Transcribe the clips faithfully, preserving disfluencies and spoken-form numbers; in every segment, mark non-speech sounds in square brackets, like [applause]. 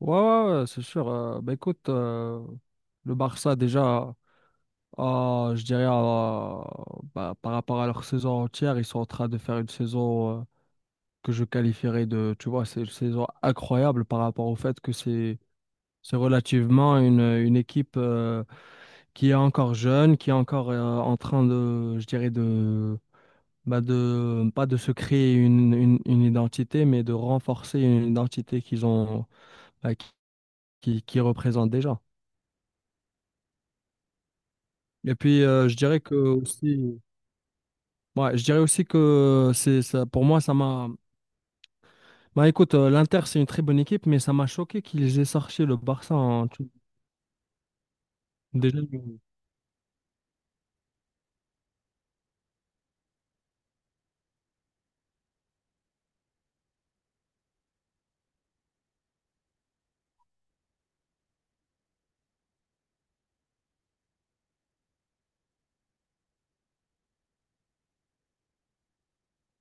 Ouais, ouais, ouais, c'est sûr. Euh, bah écoute, euh, le Barça déjà, euh, je dirais euh, bah, par rapport à leur saison entière, ils sont en train de faire une saison euh, que je qualifierais de, tu vois, c'est une saison incroyable par rapport au fait que c'est c'est relativement une, une équipe euh, qui est encore jeune, qui est encore euh, en train de, je dirais de, bah de pas de se créer une, une, une identité, mais de renforcer une identité qu'ils ont, bah, qui, qui qui représente déjà. Et puis, euh, je dirais que aussi, ouais, je dirais aussi que c'est ça, pour moi, ça m'a. Bah écoute, euh, l'Inter, c'est une très bonne équipe, mais ça m'a choqué qu'ils aient sorti le Barça en tout- déjà.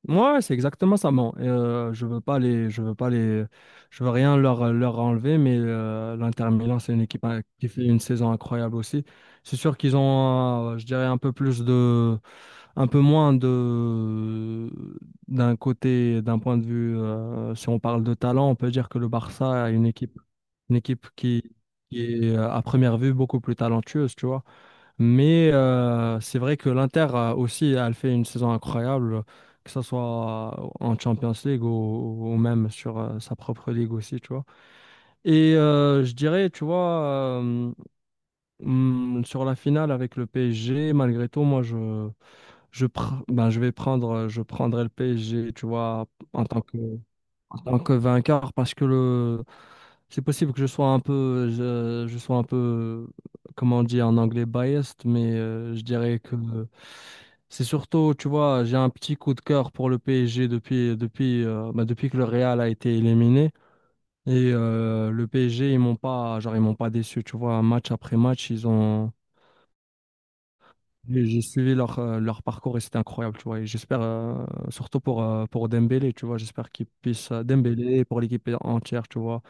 Ouais, c'est exactement ça. Bon, et, euh, je veux pas les, je veux pas les, je veux rien leur, leur enlever, mais euh, l'Inter Milan, c'est une équipe hein, qui fait une saison incroyable aussi. C'est sûr qu'ils ont, euh, je dirais, un peu plus de un peu moins de d'un côté, d'un point de vue, euh, si on parle de talent, on peut dire que le Barça a une équipe, une équipe qui, qui est euh, à première vue beaucoup plus talentueuse, tu vois. Mais euh, c'est vrai que l'Inter euh, aussi, elle fait une saison incroyable, que ce soit en Champions League ou, ou même sur euh, sa propre ligue aussi, tu vois. Et euh, je dirais, tu vois, euh, hum, sur la finale avec le P S G, malgré tout, moi je je, pr- ben, je vais prendre, euh, je prendrai le P S G, tu vois, en tant que, en tant que vainqueur, parce que le, c'est possible que je sois un peu, je, je sois un peu, comment on dit en anglais, biased, mais euh, je dirais que c'est surtout, tu vois, j'ai un petit coup de cœur pour le P S G depuis, depuis, euh, ben, depuis que le Real a été éliminé. Et euh, le P S G, ils m'ont pas, genre, ils m'ont pas déçu, tu vois, match après match, ils ont. J'ai j'ai suivi leur, euh, leur parcours et c'était incroyable, tu vois. Et j'espère, euh, surtout pour, euh, pour Dembélé, tu vois, j'espère qu'il puisse, euh, Dembélé et pour l'équipe entière, tu vois,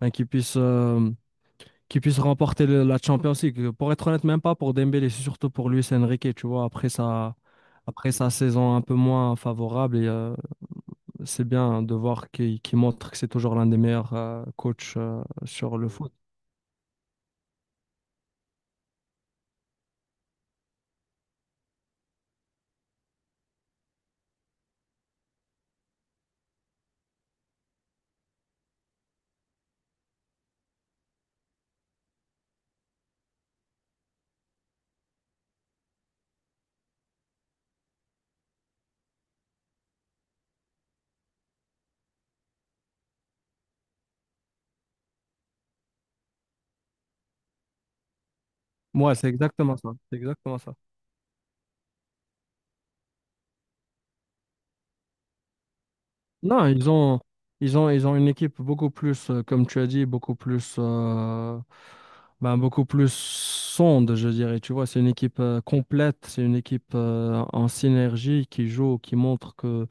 ben, qu'il puisse, euh, qu'il puisse remporter le- la Champions League. Pour être honnête, même pas pour Dembélé, c'est surtout pour Luis Enrique, tu vois, après sa, après sa saison un peu moins favorable. Et euh, c'est bien de voir qu'il qu'il montre que c'est toujours l'un des meilleurs euh, coachs euh, sur le foot. Moi, c'est exactement ça. C'est exactement ça. Non, ils ont, ils ont, ils ont une équipe beaucoup plus, euh, comme tu as dit, beaucoup plus, euh, ben, beaucoup plus sonde, je dirais. Tu vois, c'est une équipe euh, complète, c'est une équipe euh, en synergie qui joue, qui montre que,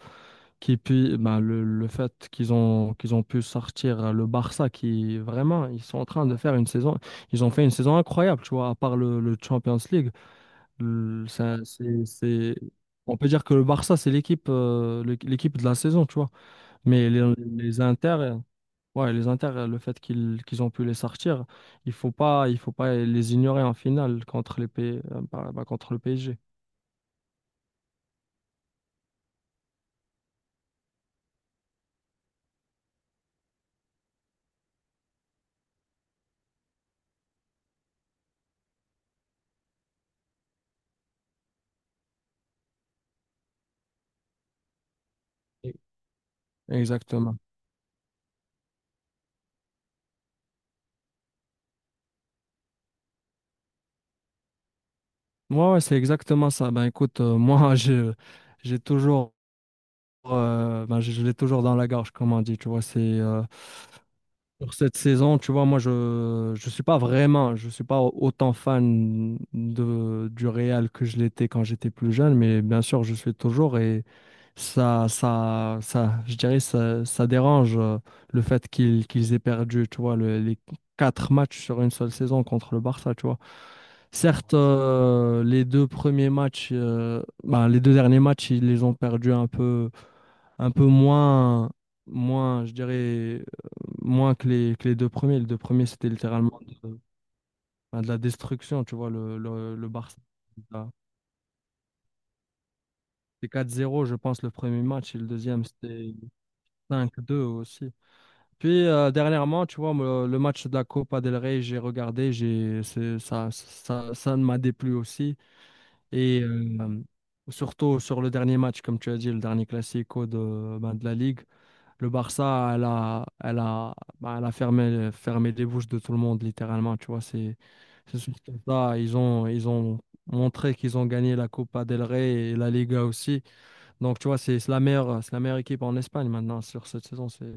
qui puis, ben, le, le fait qu'ils ont, qu'ils ont pu sortir euh, le Barça, qui vraiment, ils sont en train de faire une saison, ils ont fait une saison incroyable, tu vois, à part le, le Champions League. Le- ça- c'est, c'est- on peut dire que le Barça, c'est l'équipe, euh, l'équipe de la saison, tu vois. Mais les, les Inter, euh, ouais, les Inter, euh, le fait qu'ils qu'ils ont pu les sortir, il faut pas, il faut pas les ignorer en finale contre les P- euh, bah, bah, contre le P S G. Et- Exactement. Moi, ouais, ouais, c'est exactement ça. Ben écoute, euh, moi, [laughs] je- j'ai toujours, euh, ben, je, je l'ai toujours dans la gorge, comme on dit. Tu vois, c'est euh, pour cette saison, tu vois, moi, je, je suis pas vraiment, je suis pas au- autant fan de du Real que je l'étais quand j'étais plus jeune, mais bien sûr, je suis toujours et ça, ça, ça, je dirais, ça, ça dérange euh, le fait qu'ils qu'ils aient perdu, tu vois, le- les quatre matchs sur une seule saison contre le Barça, tu vois. Certes, euh, les deux premiers matchs, euh, ben, les deux derniers matchs, ils les ont perdus un peu, un peu moins, moins, je dirais, euh, moins que les, que les deux premiers. Les deux premiers, c'était littéralement de, ben, de la destruction, tu vois, le, le, le Barça. C'était quatre zéro, je pense, le premier match, et le deuxième, c'était cinq deux aussi. Puis euh, dernièrement, tu vois, me- le match de la Copa del Rey, j'ai regardé, j'ai c'est- ça, ça, ça ne m'a déplu aussi. Et euh, surtout sur le dernier match, comme tu as dit, le dernier Classico de, ben, de la Ligue, le Barça, elle a, elle a, ben, elle a fermé, fermé les bouches de tout le monde, littéralement. Tu vois, c'est c'est sûr ça, ils ont, ils ont montré qu'ils ont gagné la Copa del Rey et la Liga aussi. Donc, tu vois, c'est c'est la meilleure, c'est la meilleure équipe en Espagne maintenant sur cette saison. C'est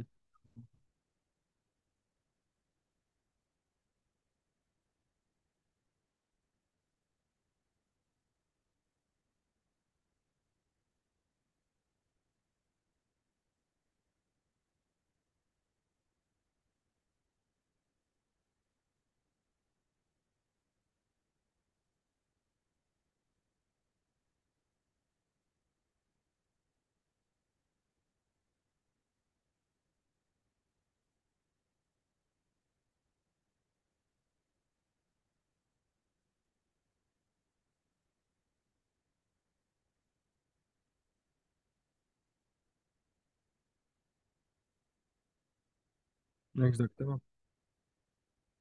exactement.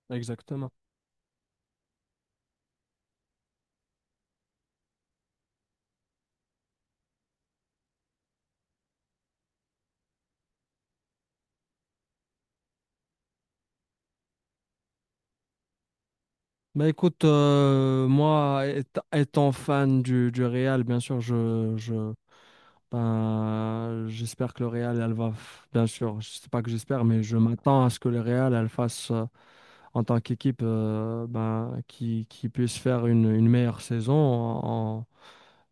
Exactement. Bah écoute, euh, moi, éta- étant fan du, du Real, bien sûr, je, je, ben, j'espère que le Real, elle va, f- bien sûr, je sais pas que j'espère, mais je m'attends à ce que le Real, elle fasse, euh, en tant qu'équipe, euh, ben, qui, qui puisse faire une, une meilleure saison en, en-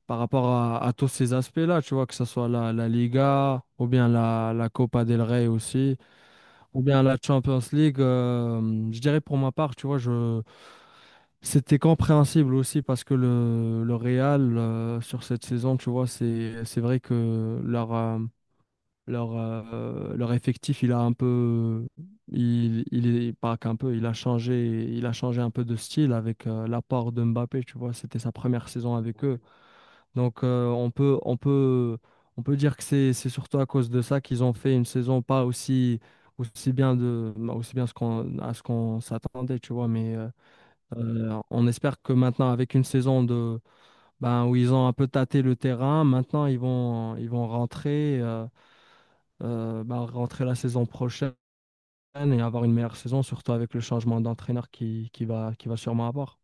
par rapport à, à tous ces aspects-là, tu vois, que ce soit la, la Liga, ou bien la, la Copa del Rey aussi, ou bien la Champions League. Euh, je dirais pour ma part, tu vois, je. C'était compréhensible aussi parce que le, le Real, euh, sur cette saison, tu vois, c'est, c'est vrai que leur, euh, leur, euh, leur effectif, il a un peu, il, il est, pas qu'un peu, il a changé, il a changé un peu de style avec euh, l'apport de Mbappé, tu vois, c'était sa première saison avec eux. Donc, euh, on peut, on peut, on peut dire que c'est, c'est surtout à cause de ça qu'ils ont fait une saison pas aussi, aussi bien de, bah, aussi bien ce qu'on, à ce qu'on s'attendait, tu vois, mais. Euh, euh, on espère que maintenant, avec une saison de, ben, où ils ont un peu tâté le terrain, maintenant ils vont, ils vont rentrer, euh, euh, ben, rentrer la saison prochaine et avoir une meilleure saison, surtout avec le changement d'entraîneur qui, qui va, qui va sûrement avoir.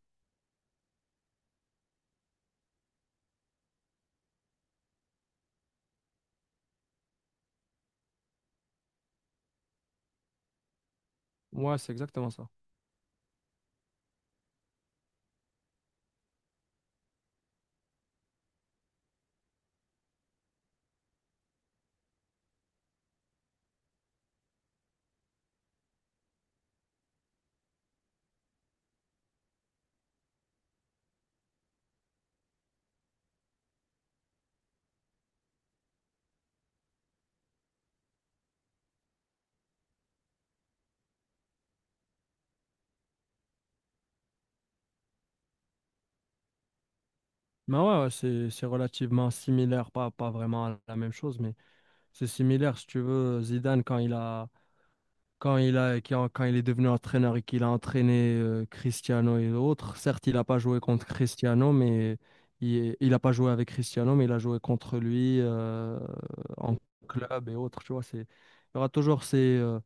Ouais, c'est exactement ça. Mais ouais, ouais, c'est, c'est relativement similaire, pas, pas vraiment la même chose, mais c'est similaire. Si tu veux, Zidane, quand il a quand il a, qui quand il est devenu entraîneur et qu'il a entraîné euh, Cristiano et d'autres, certes, il n'a pas joué contre Cristiano, mais il, il a pas joué avec Cristiano, mais il a joué contre lui euh, en club et autres. Tu vois, c'est, il y aura toujours ces, euh,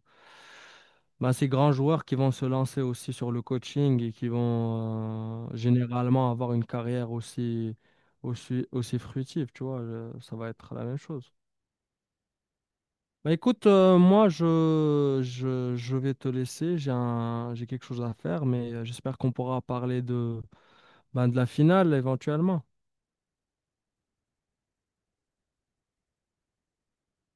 bah, ces grands joueurs qui vont se lancer aussi sur le coaching et qui vont euh, généralement avoir une carrière aussi, aussi, aussi fructive. Tu vois, euh, ça va être la même chose. Bah écoute, euh, moi je, je, je vais te laisser, j'ai un, j'ai quelque chose à faire, mais euh, j'espère qu'on pourra parler de, ben, de la finale éventuellement.